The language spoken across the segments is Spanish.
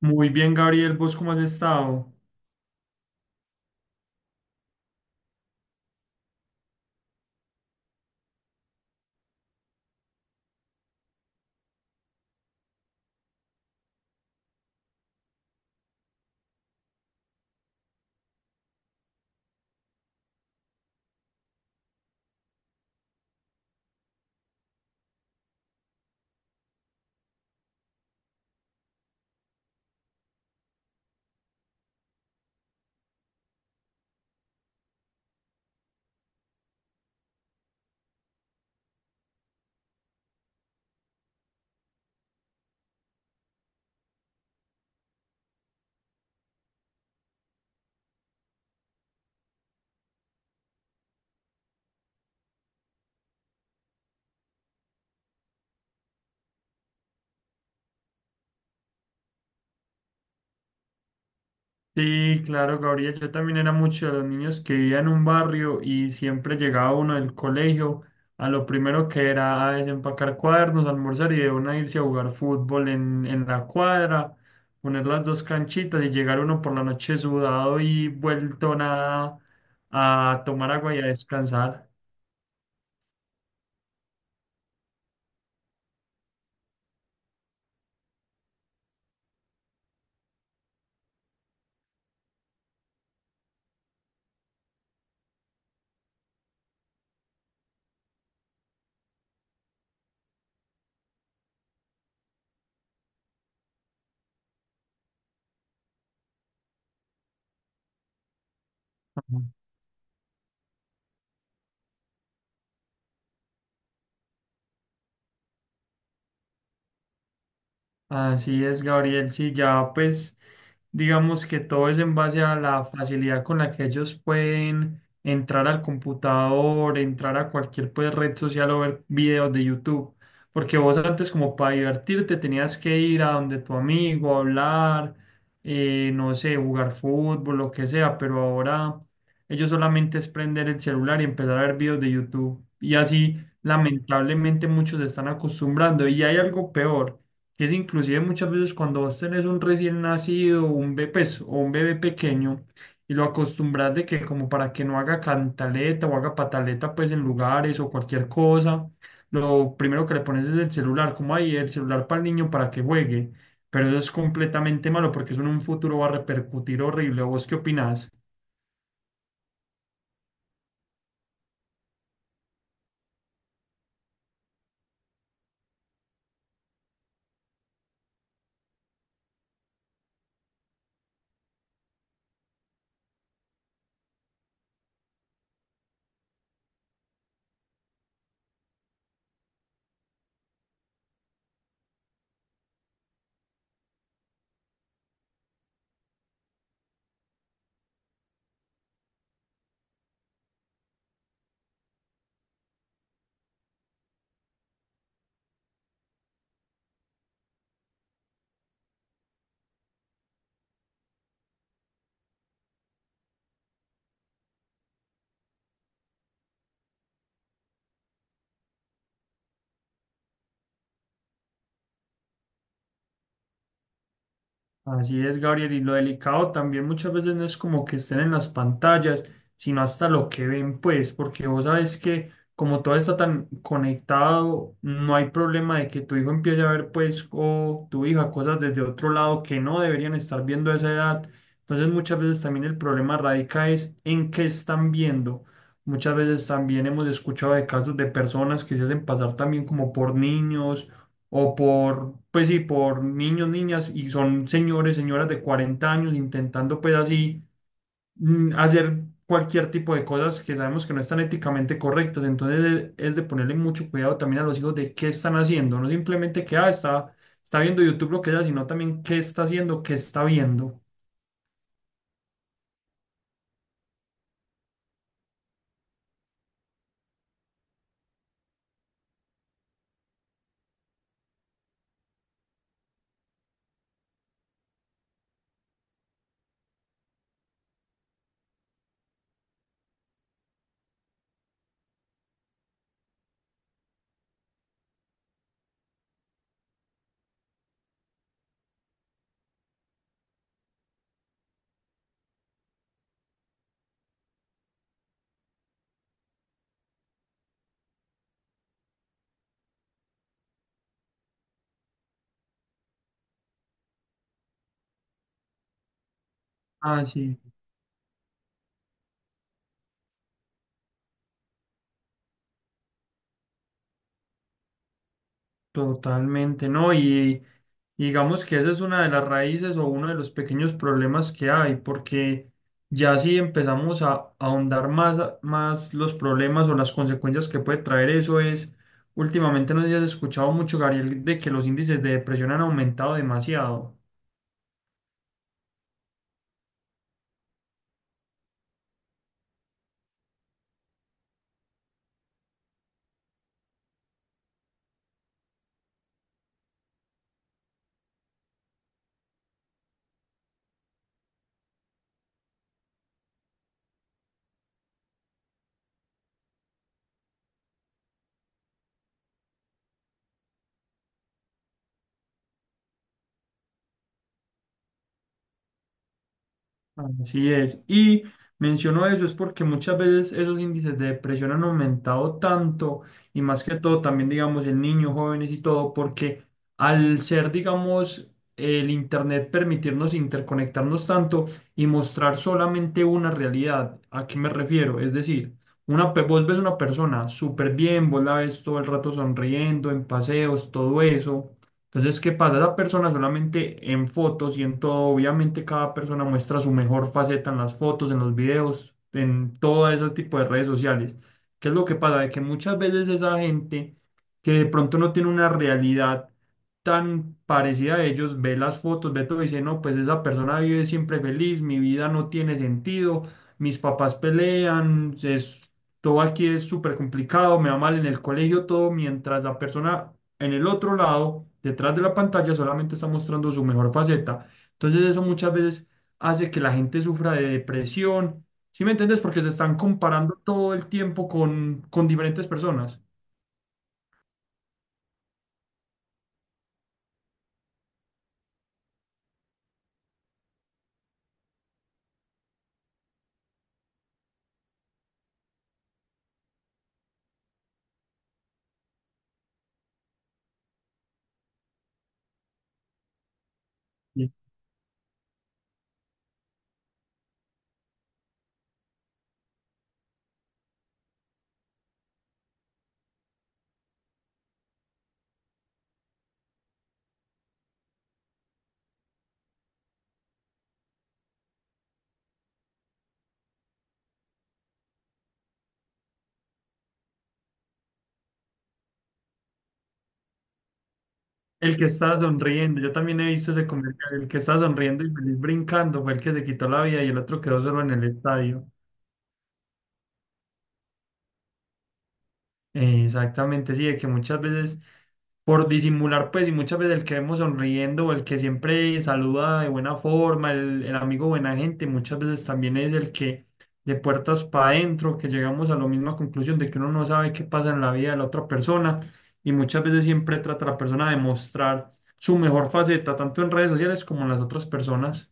Muy bien, Gabriel, ¿vos cómo has estado? Sí, claro, Gabriel, yo también era mucho de los niños que vivía en un barrio y siempre llegaba uno del colegio a lo primero que era a desempacar cuadernos, almorzar y de una irse a jugar fútbol en la cuadra, poner las dos canchitas y llegar uno por la noche sudado y vuelto nada a tomar agua y a descansar. Así es, Gabriel. Sí, ya pues digamos que todo es en base a la facilidad con la que ellos pueden entrar al computador, entrar a cualquier pues, red social o ver videos de YouTube. Porque vos antes como para divertirte tenías que ir a donde tu amigo, hablar, no sé, jugar fútbol, lo que sea, pero ahora ellos solamente es prender el celular y empezar a ver videos de YouTube. Y así lamentablemente muchos se están acostumbrando. Y hay algo peor que es inclusive muchas veces cuando vos tenés un recién nacido, un bebé, pues, o un bebé pequeño, y lo acostumbras de que como para que no haga cantaleta o haga pataleta, pues en lugares o cualquier cosa, lo primero que le pones es el celular, como ahí el celular para el niño para que juegue, pero eso es completamente malo porque eso en un futuro va a repercutir horrible. ¿Vos qué opinás? Así es, Gabriel, y lo delicado también muchas veces no es como que estén en las pantallas, sino hasta lo que ven, pues, porque vos sabes que como todo está tan conectado, no hay problema de que tu hijo empiece a ver, pues, o tu hija cosas desde otro lado que no deberían estar viendo a esa edad. Entonces, muchas veces también el problema radica es en qué están viendo. Muchas veces también hemos escuchado de casos de personas que se hacen pasar también como por niños o por, pues sí, por niños, niñas, y son señores, señoras de 40 años intentando pues así hacer cualquier tipo de cosas que sabemos que no están éticamente correctas. Entonces es de ponerle mucho cuidado también a los hijos de qué están haciendo, no simplemente que, ah, está viendo YouTube lo que sea, sino también qué está haciendo, qué está viendo. Ah, sí. Totalmente, ¿no? Y digamos que esa es una de las raíces o uno de los pequeños problemas que hay, porque ya si empezamos a ahondar más, más los problemas o las consecuencias que puede traer eso es, últimamente no sé si has escuchado mucho, Gabriel, de que los índices de depresión han aumentado demasiado. Así es. Y menciono eso es porque muchas veces esos índices de depresión han aumentado tanto y más que todo también, digamos, en niños, jóvenes y todo, porque al ser, digamos, el Internet permitirnos interconectarnos tanto y mostrar solamente una realidad, ¿a qué me refiero? Es decir, una, vos ves una persona súper bien, vos la ves todo el rato sonriendo, en paseos, todo eso. Entonces, ¿qué pasa? Esa persona solamente en fotos y en todo, obviamente cada persona muestra su mejor faceta en las fotos, en los videos, en todo ese tipo de redes sociales. ¿Qué es lo que pasa? De que muchas veces esa gente que de pronto no tiene una realidad tan parecida a ellos, ve las fotos, ve todo y dice, no, pues esa persona vive siempre feliz, mi vida no tiene sentido, mis papás pelean, es, todo aquí es súper complicado, me va mal en el colegio, todo, mientras la persona en el otro lado, detrás de la pantalla, solamente está mostrando su mejor faceta. Entonces eso muchas veces hace que la gente sufra de depresión. ¿Sí me entiendes? Porque se están comparando todo el tiempo con diferentes personas. Sí. El que está sonriendo, yo también he visto ese comentario, el que está sonriendo y feliz brincando fue el que se quitó la vida y el otro quedó solo en el estadio. Exactamente, sí, de que muchas veces por disimular, pues, y muchas veces el que vemos sonriendo o el que siempre saluda de buena forma, el amigo buena gente, muchas veces también es el que de puertas para adentro, que llegamos a la misma conclusión de que uno no sabe qué pasa en la vida de la otra persona y muchas veces siempre trata a la persona de mostrar su mejor faceta, tanto en redes sociales como en las otras personas.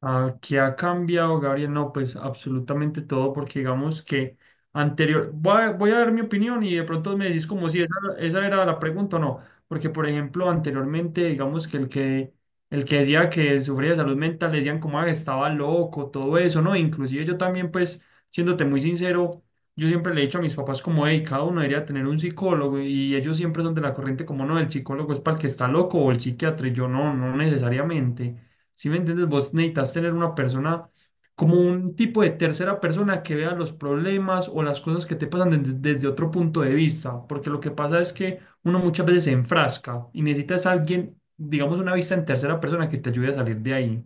Ah, ¿qué ha cambiado, Gabriel? No, pues absolutamente todo, porque digamos que anterior, voy a dar mi opinión y de pronto me decís como si esa, esa era la pregunta o no, porque por ejemplo, anteriormente, digamos que el que decía que sufría de salud mental, le decían como "Ah, estaba loco, todo eso, ¿no? Inclusive yo también, pues, siéndote muy sincero, yo siempre le he dicho a mis papás como, hey, cada uno debería tener un psicólogo y ellos siempre son de la corriente como, no, el psicólogo es para el que está loco o el psiquiatra, y yo no, no necesariamente. Si me entiendes, vos necesitas tener una persona como un tipo de tercera persona que vea los problemas o las cosas que te pasan desde otro punto de vista, porque lo que pasa es que uno muchas veces se enfrasca y necesitas a alguien, digamos, una vista en tercera persona que te ayude a salir de ahí.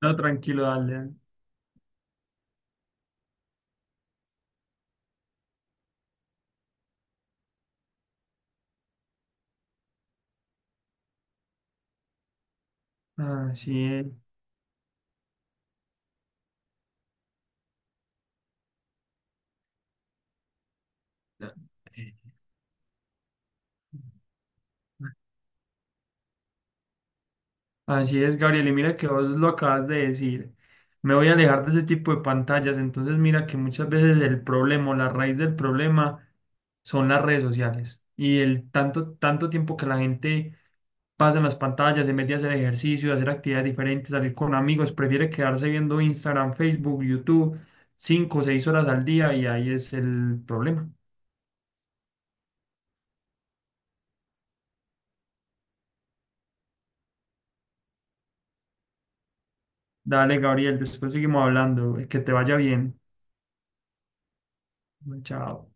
No, tranquilo, dale. Ah, sí. eh. Así es, Gabriel, y mira que vos lo acabas de decir. Me voy a alejar de ese tipo de pantallas. Entonces, mira que muchas veces el problema, o la raíz del problema, son las redes sociales. Y el tanto, tanto tiempo que la gente pasa en las pantallas, en vez de hacer ejercicio, hacer actividades diferentes, salir con amigos, prefiere quedarse viendo Instagram, Facebook, YouTube, 5 o 6 horas al día, y ahí es el problema. Dale, Gabriel, después seguimos hablando. Que te vaya bien. Chao.